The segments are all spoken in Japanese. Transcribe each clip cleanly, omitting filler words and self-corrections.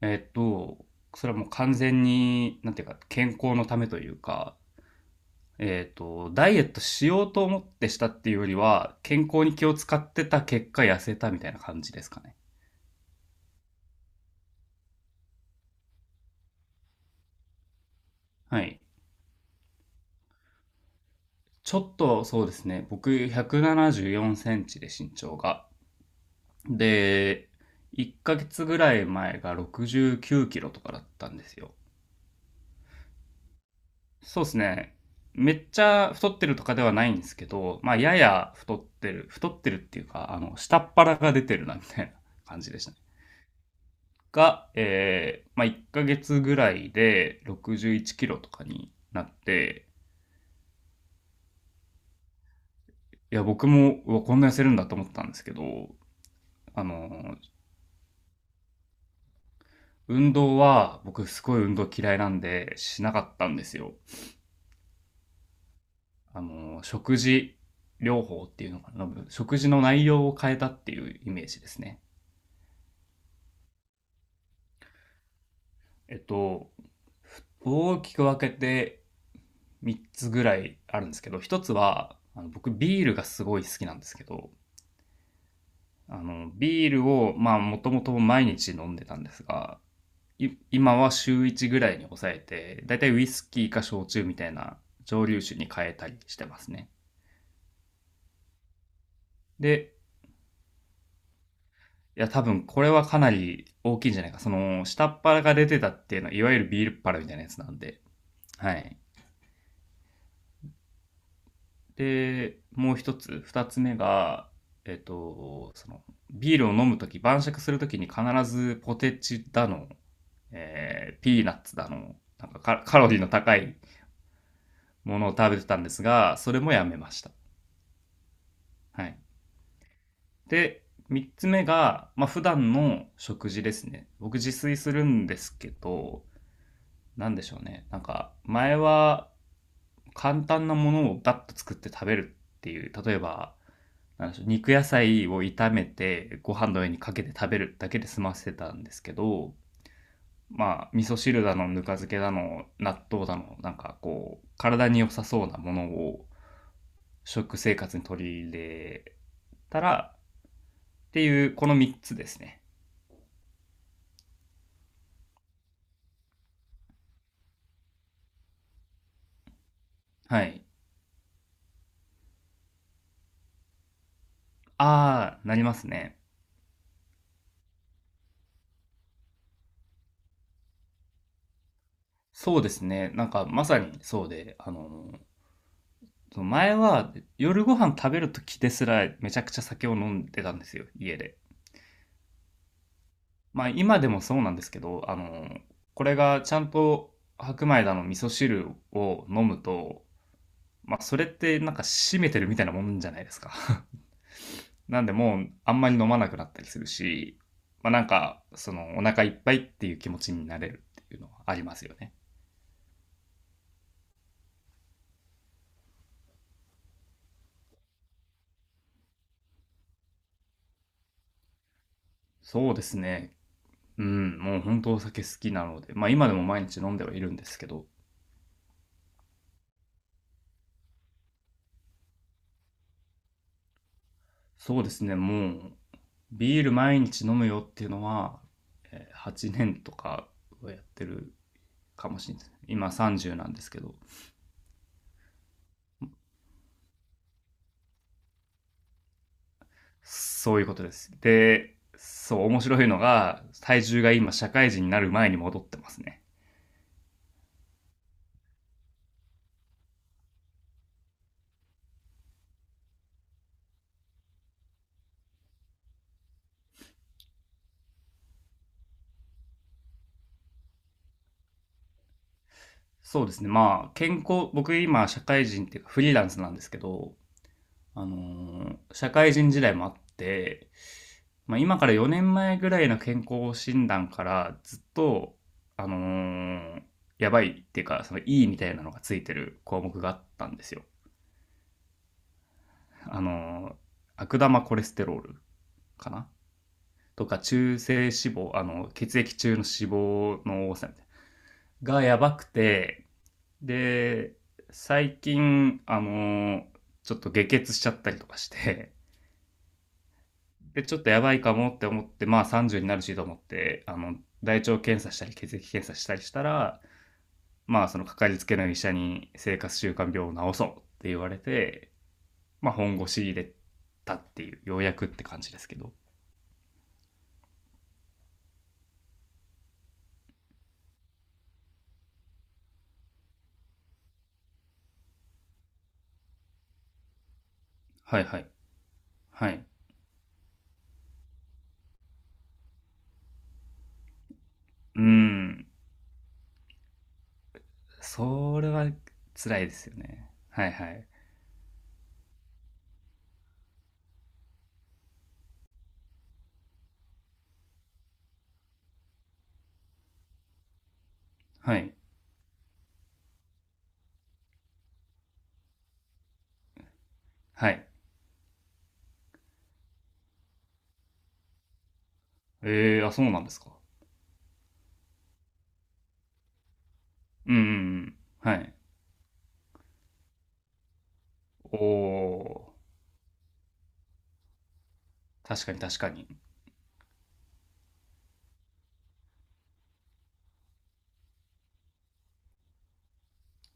えっと、それはもう完全に、なんていうか、健康のためというか、ダイエットしようと思ってしたっていうよりは、健康に気を使ってた結果痩せたみたいな感じですかね。はい。ちょっとそうですね、僕174センチで身長が。で、1ヶ月ぐらい前が69キロとかだったんですよ。そうですね。めっちゃ太ってるとかではないんですけど、まあ、やや太ってる、太ってるっていうか、下っ腹が出てるな、みたいな感じでしたね。が、まあ、1ヶ月ぐらいで61キロとかになって、いや、僕も、うわ、こんな痩せるんだと思ったんですけど、あの、運動は、僕すごい運動嫌いなんで、しなかったんですよ。食事療法っていうのかな、食事の内容を変えたっていうイメージですね。えっと、大きく分けて3つぐらいあるんですけど、一つは、僕ビールがすごい好きなんですけど、ビールを、まあ、もともと毎日飲んでたんですが、今は週1ぐらいに抑えて、だいたいウイスキーか焼酎みたいな蒸留酒に変えたりしてますね。で、いや、多分これはかなり大きいんじゃないか。その、下っ腹が出てたっていうのは、いわゆるビールっ腹みたいなやつなんで、はい。で、もう一つ、二つ目が、えっと、その、ビールを飲むとき、晩酌するときに必ずポテチだの、ピーナッツだの、なんかカカロリーの高いものを食べてたんですが、それもやめました。はい。で、三つ目が、まあ、普段の食事ですね。僕自炊するんですけど、なんでしょうね。なんか、前は簡単なものをバッと作って食べるっていう、例えば、なんでしょう、肉野菜を炒めてご飯の上にかけて食べるだけで済ませてたんですけど、まあ味噌汁だのぬか漬けだの納豆だのなんかこう体に良さそうなものを食生活に取り入れたらっていう、この3つですね。はい。ああ、なりますね。そうですね、なんかまさにそうで、その前は夜ご飯食べる時ですらめちゃくちゃ酒を飲んでたんですよ、家で。まあ今でもそうなんですけど、これがちゃんと白米だの味噌汁を飲むと、まあそれってなんか締めてるみたいなもんじゃないですか。なんでもうあんまり飲まなくなったりするし、まあなんかそのお腹いっぱいっていう気持ちになれるっていうのはありますよね。そうですね。うん、もう本当お酒好きなので、まあ今でも毎日飲んではいるんですけど、そうですね、もうビール毎日飲むよっていうのは、8年とかはやってるかもしれないです。今30なんですけど、そういうことです。で、そう、面白いのが、体重が今社会人になる前に戻ってますね。そうですね。まあ、健康、僕今社会人っていうかフリーランスなんですけど、あの社会人時代もあって、まあ今から4年前ぐらいの健康診断からずっと、あのーやばいっていうか、そのいいみたいなのがついてる項目があったんですよ。あのー悪玉コレステロールかなとか中性脂肪、血液中の脂肪の多さみたいながやばくて、で、最近、ちょっと下血しちゃったりとかして、で、ちょっとやばいかもって思って、まあ30になるしと思って、大腸検査したり血液検査したりしたら、まあそのかかりつけの医者に生活習慣病を治そうって言われて、まあ本腰入れたっていう、ようやくって感じですけど。はいはい。はい。うーん。それは辛いですよね。はいはい。はい。はい。えーあ、そうなんですか。うんうんうん。はい。おー、確かに確かに。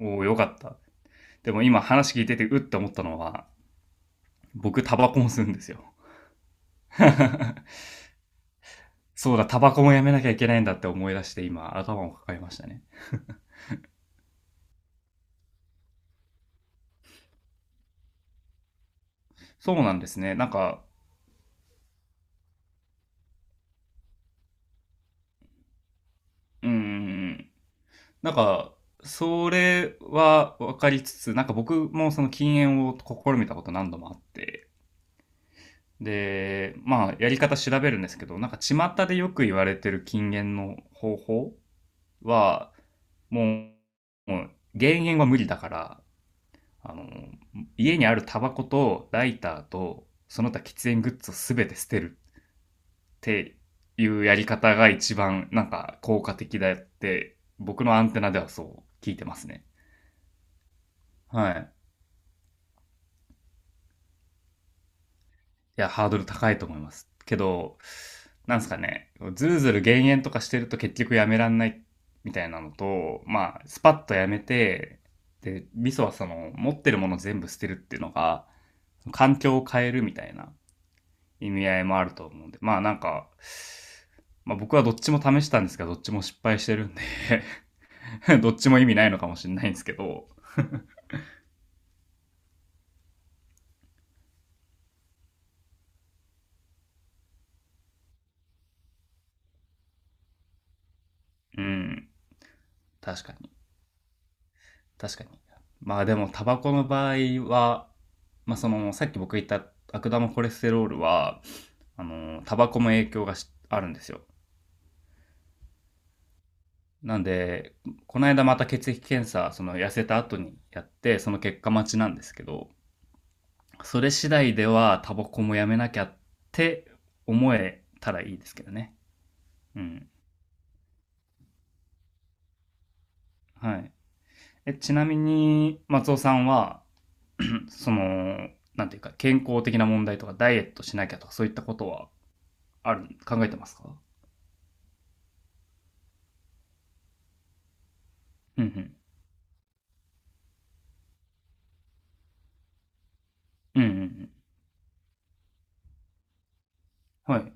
おー、よかった。でも今話聞いててうって思ったのは、僕タバコも吸うんですよ。そうだ、タバコもやめなきゃいけないんだって思い出して今頭を抱えましたね。そうなんですね。なんか、うーん。なんか、それは分かりつつ、なんか僕もその禁煙を試みたこと何度もあって、で、まあ、やり方調べるんですけど、なんか巷でよく言われてる禁煙の方法は、ももう減煙は無理だから、あの、家にあるタバコとライターと、その他喫煙グッズをすべて捨てるっていうやり方が一番なんか効果的だって、僕のアンテナではそう聞いてますね。はい。や、ハードル高いと思います。けど、なんですかね、ずるずる減塩とかしてると結局やめらんないみたいなのと、まあ、スパッとやめて、で、味噌はその、持ってるもの全部捨てるっていうのが、環境を変えるみたいな意味合いもあると思うんで、まあなんか、まあ僕はどっちも試したんですが、どっちも失敗してるんで どっちも意味ないのかもしれないんですけど、うん、確かに、確かに。まあでも、タバコの場合は、まあ、そのさっき僕言った悪玉コレステロールは、タバコも影響があるんですよ。なんでこの間また血液検査、その痩せた後にやって、その結果待ちなんですけど、それ次第ではタバコもやめなきゃって思えたらいいですけどね。うん。はい。ちなみに松尾さんは、うん、そのなんていうか健康的な問題とかダイエットしなきゃとかそういったことはある、考えてますか？うんうんうんうん。うん。はい。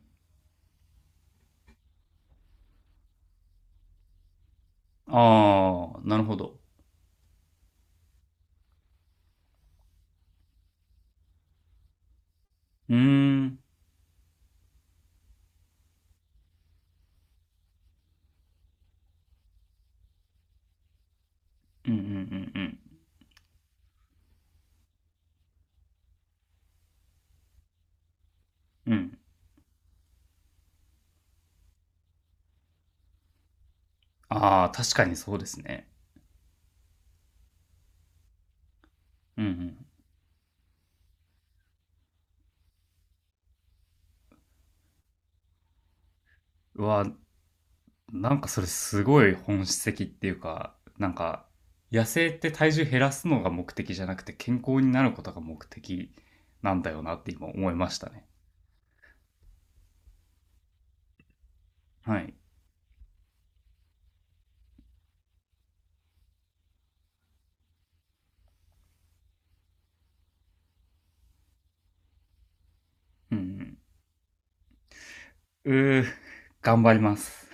ああ、なるほど。うーん。うんうんうんうん。うん。ああ、確かにそうですね。うんうん。うわ、なんかそれすごい本質的っていうか、なんか、痩せって体重減らすのが目的じゃなくて、健康になることが目的なんだよなって今思いましたね。はい。うんうん。うー、頑張ります。